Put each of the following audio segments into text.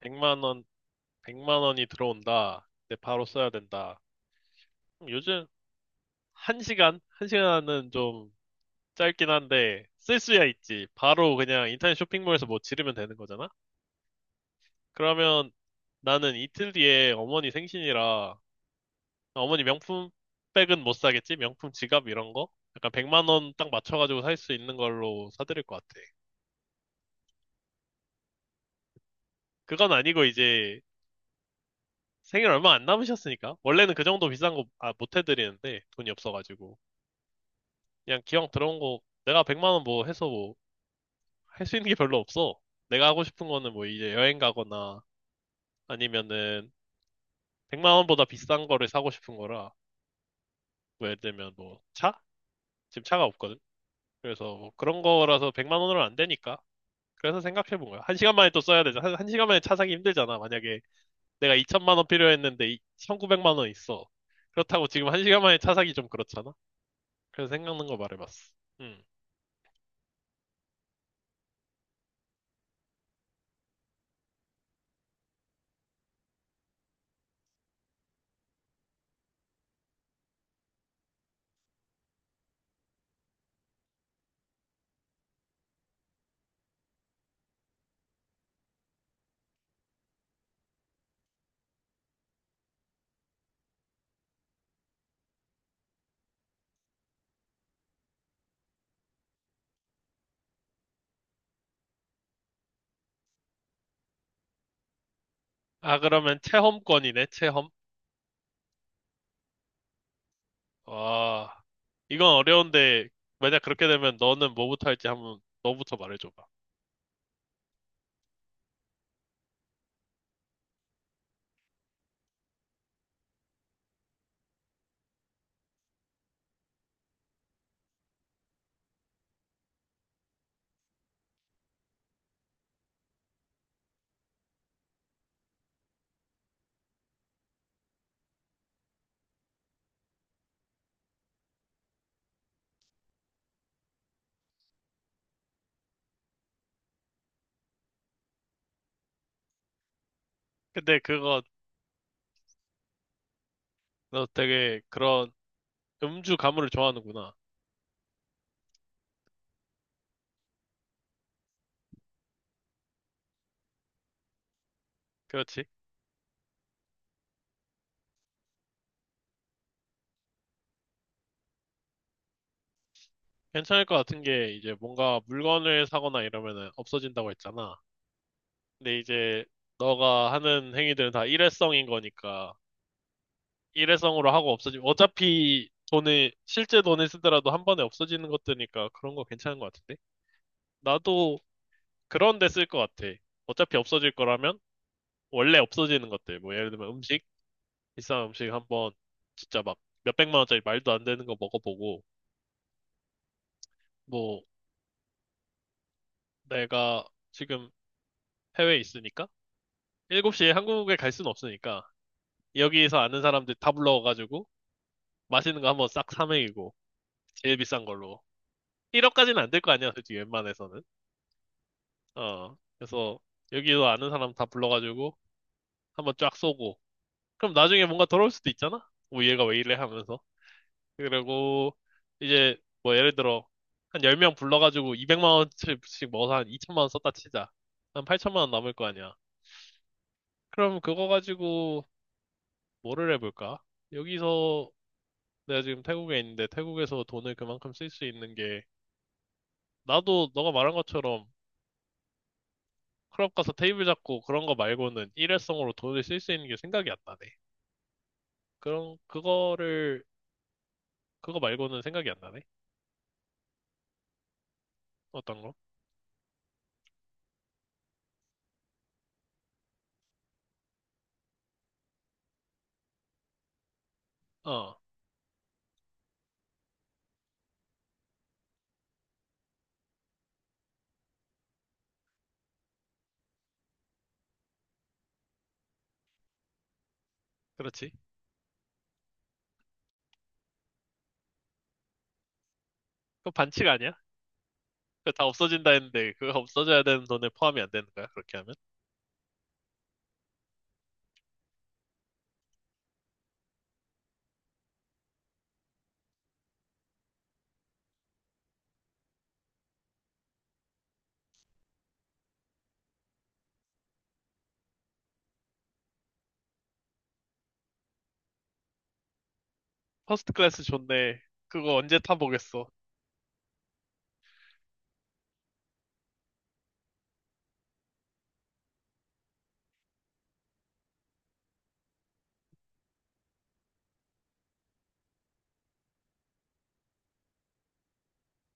100만 원, 100만 원이 들어온다. 근데 바로 써야 된다. 그럼 요즘 1시간? 1시간은 좀 짧긴 한데 쓸 수야 있지. 바로 그냥 인터넷 쇼핑몰에서 뭐 지르면 되는 거잖아? 그러면 나는 이틀 뒤에 어머니 생신이라 어머니 명품 백은 못 사겠지? 명품 지갑 이런 거? 약간 100만 원 딱 맞춰가지고 살 수 있는 걸로 사드릴 것 같아. 그건 아니고 이제 생일 얼마 안 남으셨으니까. 원래는 그 정도 비싼 거, 아, 못 해드리는데 돈이 없어가지고. 그냥 기왕 들어온 거 내가 100만 원 뭐 해서 뭐 할 수 있는 게 별로 없어. 내가 하고 싶은 거는 뭐 이제 여행 가거나 아니면은 100만 원보다 비싼 거를 사고 싶은 거라. 뭐 예를 들면 뭐 차? 지금 차가 없거든. 그래서 뭐 그런 거라서 100만 원으로는 안 되니까. 그래서 생각해 본 거야. 한 시간 만에 또 써야 되잖아. 한 시간 만에 차 사기 힘들잖아. 만약에 내가 2천만 원 필요했는데 1,900만 원 있어. 그렇다고 지금 한 시간 만에 차 사기 좀 그렇잖아. 그래서 생각난 거 말해봤어. 음. 아, 그러면 체험권이네, 체험. 와, 이건 어려운데, 만약 그렇게 되면 너는 뭐부터 할지 한번 너부터 말해줘봐. 근데 그거, 너 되게 그런 음주 가물을 좋아하는구나. 그렇지? 괜찮을 것 같은 게 이제 뭔가 물건을 사거나 이러면은 없어진다고 했잖아. 근데 이제 너가 하는 행위들은 다 일회성인 거니까 일회성으로 하고 없어지면 어차피 돈을, 실제 돈을 쓰더라도 한 번에 없어지는 것들이니까 그런 거 괜찮은 것 같은데? 나도 그런 데 쓸 것 같아. 어차피 없어질 거라면 원래 없어지는 것들. 뭐 예를 들면 음식, 비싼 음식 한번 진짜 막 몇백만 원짜리 말도 안 되는 거 먹어보고, 뭐 내가 지금 해외에 있으니까 7시에 한국에 갈 수는 없으니까 여기서 아는 사람들 다 불러가지고 맛있는 거 한번 싹 사 먹이고 제일 비싼 걸로 1억까지는 안 될 거 아니야, 솔직히 웬만해서는. 어. 그래서 여기서 아는 사람 다 불러가지고 한번 쫙 쏘고 그럼 나중에 뭔가 돌아올 수도 있잖아? 뭐 얘가 왜 이래 하면서. 그리고 이제 뭐 예를 들어 한 10명 불러가지고 200만 원씩 먹어서 한 2천만 원 썼다 치자. 한 8천만 원 남을 거 아니야. 그럼 그거 가지고 뭐를 해볼까? 여기서 내가 지금 태국에 있는데 태국에서 돈을 그만큼 쓸 수 있는 게 나도 너가 말한 것처럼 클럽 가서 테이블 잡고 그런 거 말고는 일회성으로 돈을 쓸 수 있는 게 생각이 안 나네. 그런 그거를 그거 말고는 생각이 안 나네. 어떤 거? 어, 그렇지. 그거 반칙 아니야? 그거 다 없어진다 했는데 그거 없어져야 되는 돈에 포함이 안 되는 거야 그렇게 하면? 퍼스트 클래스 좋네. 그거 언제 타보겠어.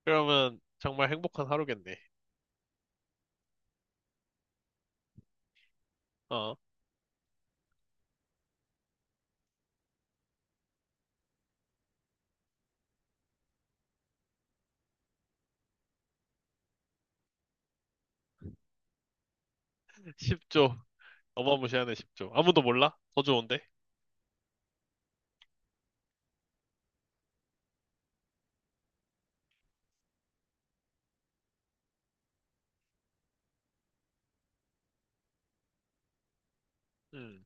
그러면 정말 행복한 하루겠네. 어. 10조? 어마무시하네. 10조 아무도 몰라? 더 좋은데? 음.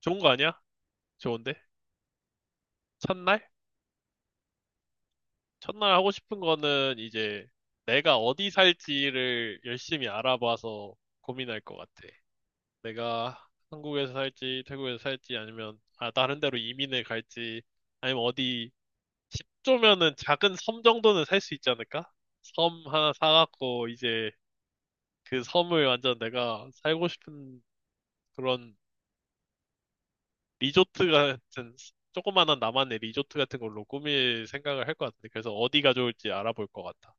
좋은 거 아니야? 좋은데? 첫날? 첫날 하고 싶은 거는 이제 내가 어디 살지를 열심히 알아봐서 고민할 것 같아. 내가 한국에서 살지 태국에서 살지 아니면 아 다른 데로 이민을 갈지 아니면 어디 10조면은 작은 섬 정도는 살 수 있지 않을까? 섬 하나 사갖고 이제 그 섬을 완전 내가 살고 싶은 그런 리조트 같은 조그만한 나만의 리조트 같은 걸로 꾸밀 생각을 할 것 같은데 그래서 어디가 좋을지 알아볼 것 같아.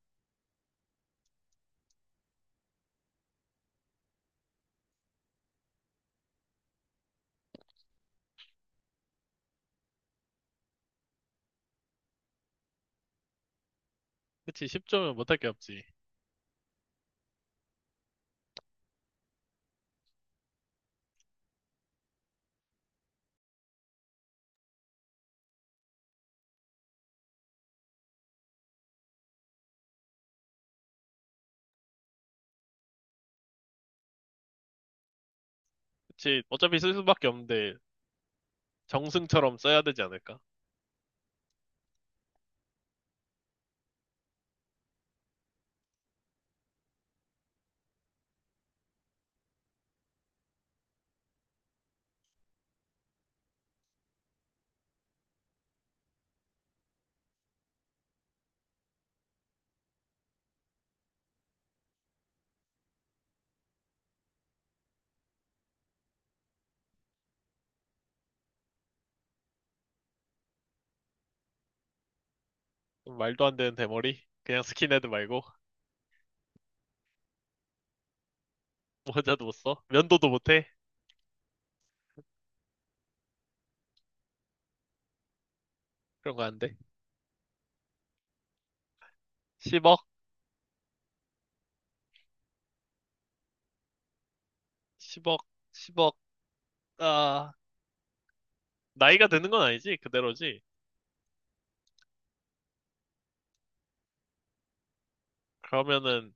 그치 10조면 못할 게 없지. 그치 어차피 쓸 수밖에 없는데 정승처럼 써야 되지 않을까? 좀 말도 안 되는 대머리? 그냥 스킨헤드 말고 모자도 못 써? 면도도 못 해? 그런 거 안 돼? 10억? 10억? 10억? 아, 나이가 드는 건 아니지? 그대로지? 그러면은,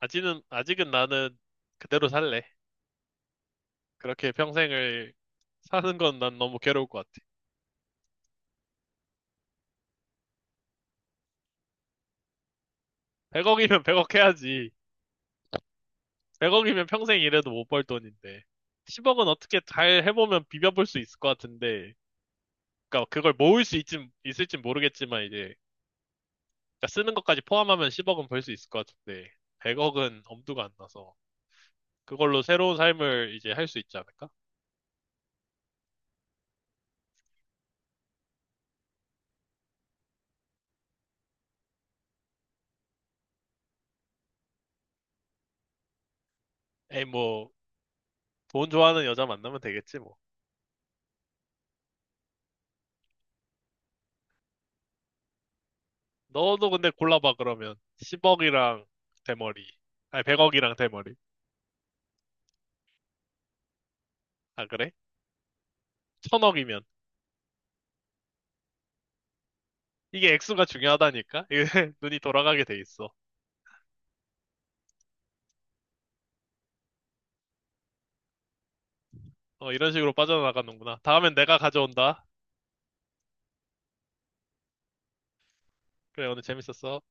아직은 나는 그대로 살래. 그렇게 평생을 사는 건 난 너무 괴로울 것 같아. 100억이면 100억 해야지. 100억이면 평생 일해도 못 벌 돈인데. 10억은 어떻게 잘 해보면 비벼볼 수 있을 것 같은데. 그러니까 그걸 모을 수 있을진 모르겠지만 이제, 그러니까 쓰는 것까지 포함하면 10억은 벌 수 있을 것 같은데. 100억은 엄두가 안 나서. 그걸로 새로운 삶을 이제 할 수 있지 않을까? 에이, 뭐, 돈 좋아하는 여자 만나면 되겠지, 뭐. 너도 근데 골라봐, 그러면. 10억이랑 대머리. 아니, 100억이랑 대머리. 아, 그래? 1000억이면. 이게 액수가 중요하다니까? 이게 눈이 돌아가게 돼 있어. 어, 이런 식으로 빠져나가는구나. 다음엔 내가 가져온다. 그래, 오늘 재밌었어.